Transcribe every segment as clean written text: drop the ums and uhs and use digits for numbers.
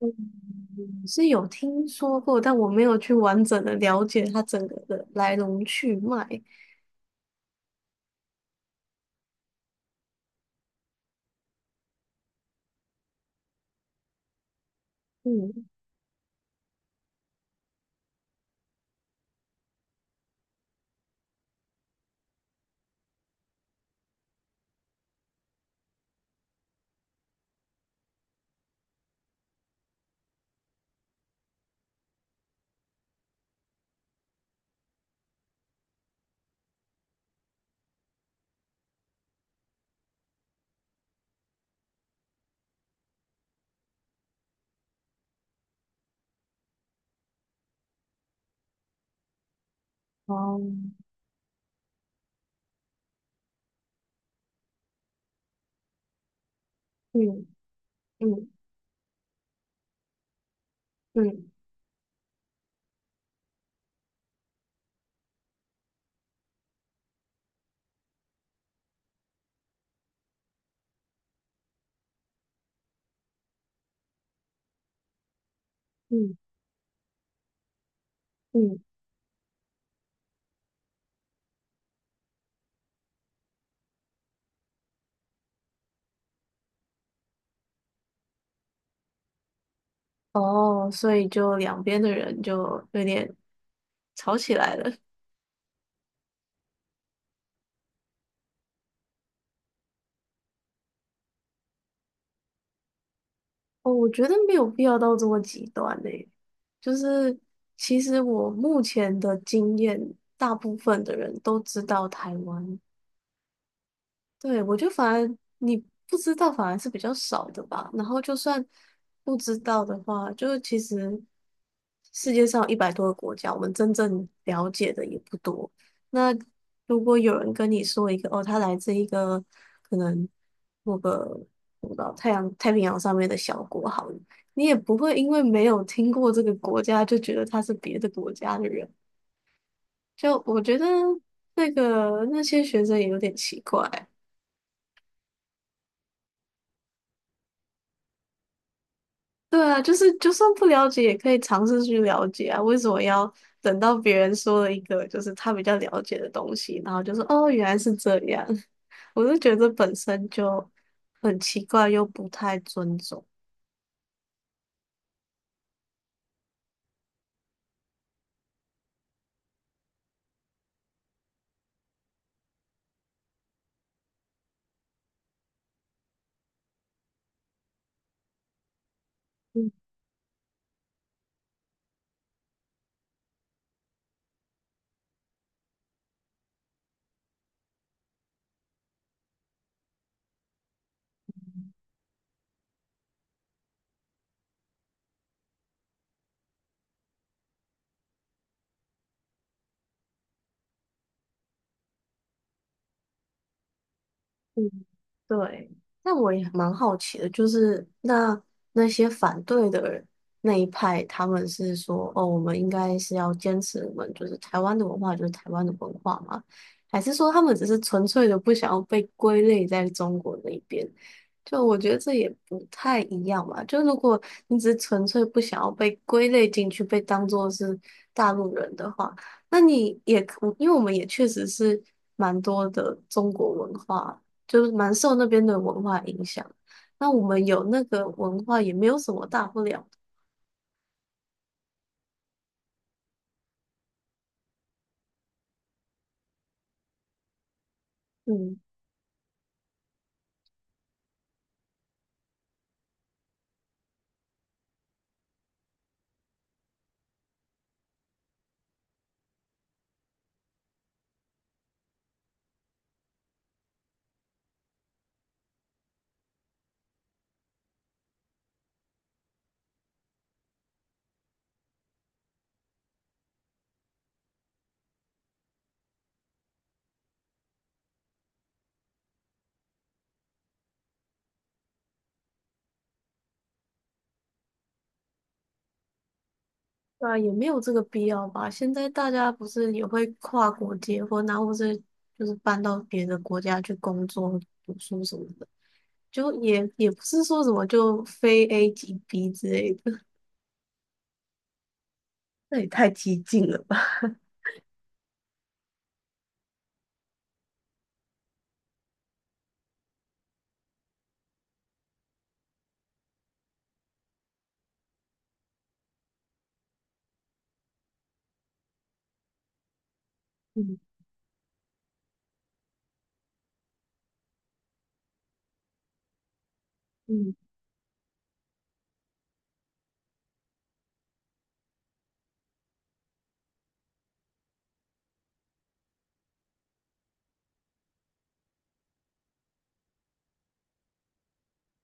嗯，是有听说过，但我没有去完整的了解它整个的来龙去脉。嗯。哦。嗯嗯嗯嗯嗯。哦，所以就两边的人就有点吵起来了。哦，我觉得没有必要到这么极端呢，就是其实我目前的经验，大部分的人都知道台湾。对，我就反而你不知道反而是比较少的吧。然后就算不知道的话，就是其实世界上100多个国家，我们真正了解的也不多。那如果有人跟你说一个哦，他来自一个可能某个我不知道太阳太平洋上面的小国好了，你也不会因为没有听过这个国家就觉得他是别的国家的人。就我觉得那个那些学生也有点奇怪。对啊，就是就算不了解，也可以尝试去了解啊。为什么要等到别人说了一个就是他比较了解的东西，然后就说哦，原来是这样？我就觉得本身就很奇怪，又不太尊重。嗯。对，那我也蛮好奇的，就是那些反对的人那一派，他们是说，哦，我们应该是要坚持我们就是台湾的文化，就是台湾的文化嘛？还是说他们只是纯粹的不想要被归类在中国那边？就我觉得这也不太一样吧。就如果你只是纯粹不想要被归类进去，被当做是大陆人的话，那你也可，因为我们也确实是蛮多的中国文化。就是蛮受那边的文化影响。那我们有那个文化也没有什么大不了的。嗯。对啊，也没有这个必要吧。现在大家不是也会跨国结婚啊，或是就是搬到别的国家去工作、读书什么的，就也不是说什么就非 A 即 B 之类的，那也太激进了吧。嗯嗯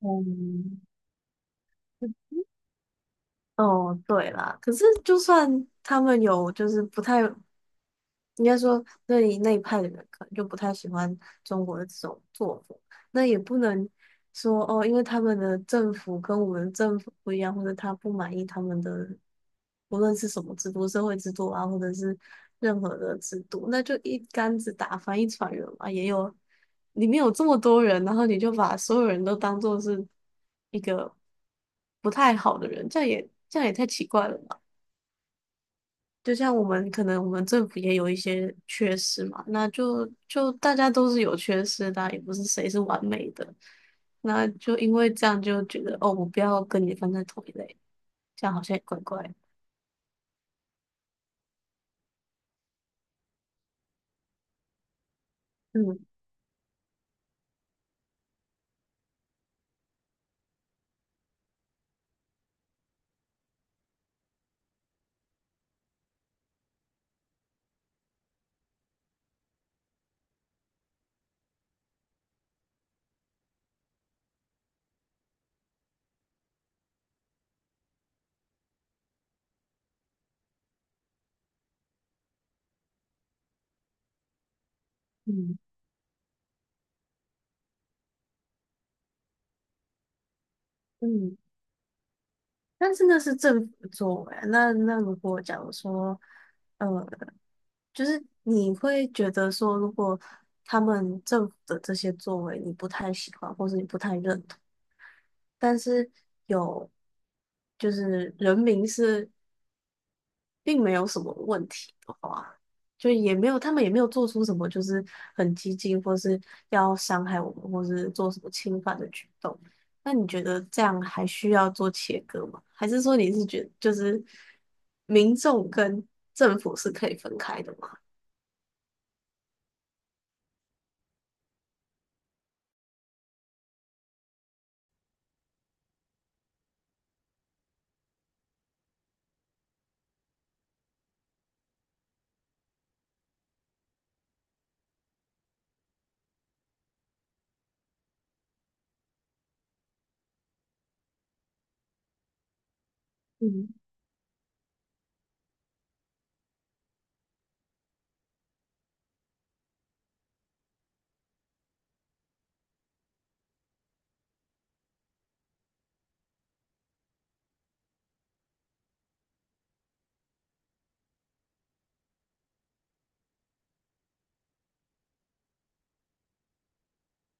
嗯。哦，对啦，可是就算他们有就是不太应该说那一派的人可能就不太喜欢中国的这种作风。那也不能说哦，因为他们的政府跟我们政府不一样，或者他不满意他们的无论是什么制度、社会制度啊，或者是任何的制度，那就一竿子打翻一船人嘛。也有里面有这么多人，然后你就把所有人都当做是一个不太好的人，这样也太奇怪了吧？就像我们可能我们政府也有一些缺失嘛，那就大家都是有缺失的啊也不是谁是完美的，那就因为这样就觉得哦，我不要跟你放在同一类，这样好像也怪怪的。嗯嗯嗯。但是那是政府的作为啊那假如说，呃，就是你会觉得说，如果他们政府的这些作为你不太喜欢，或是你不太认同。但是有就是人民是并没有什么问题的话，就也没有他们也没有做出什么就是很激进或是要伤害我们或是做什么侵犯的举动。那你觉得这样还需要做切割吗？还是说你是觉就是民众跟政府是可以分开的吗？嗯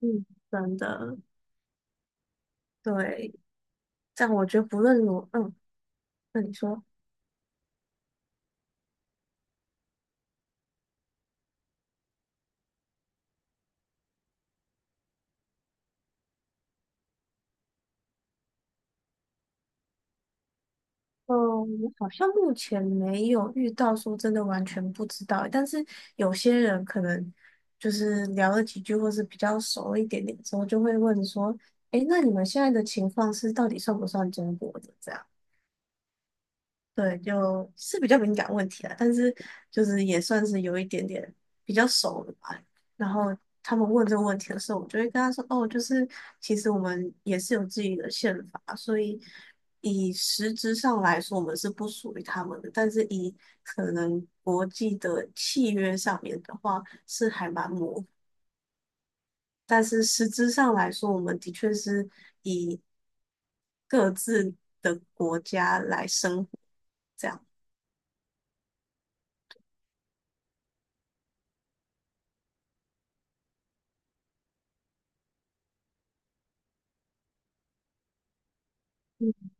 嗯，真的，对。这样我觉得不论如，那你说。嗯，我好像目前没有遇到说真的完全不知道，但是有些人可能就是聊了几句，或是比较熟一点点之后，就会问说：“诶，那你们现在的情况是到底算不算中国的？”对，就是比较敏感问题啦，但是就是也算是有一点点比较熟了吧。然后他们问这个问题的时候，我就会跟他说：“哦，就是其实我们也是有自己的宪法，所以以实质上来说，我们是不属于他们的。但是以可能国际的契约上面的话，是还蛮模糊。但是实质上来说，我们的确是以各自的国家来生活这样。”嗯，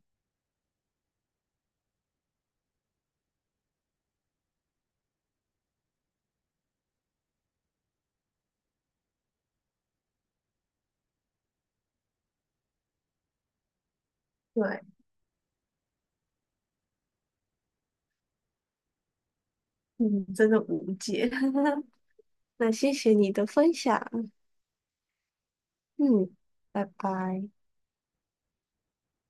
对，嗯，真的无解。那谢谢你的分享，嗯，拜拜。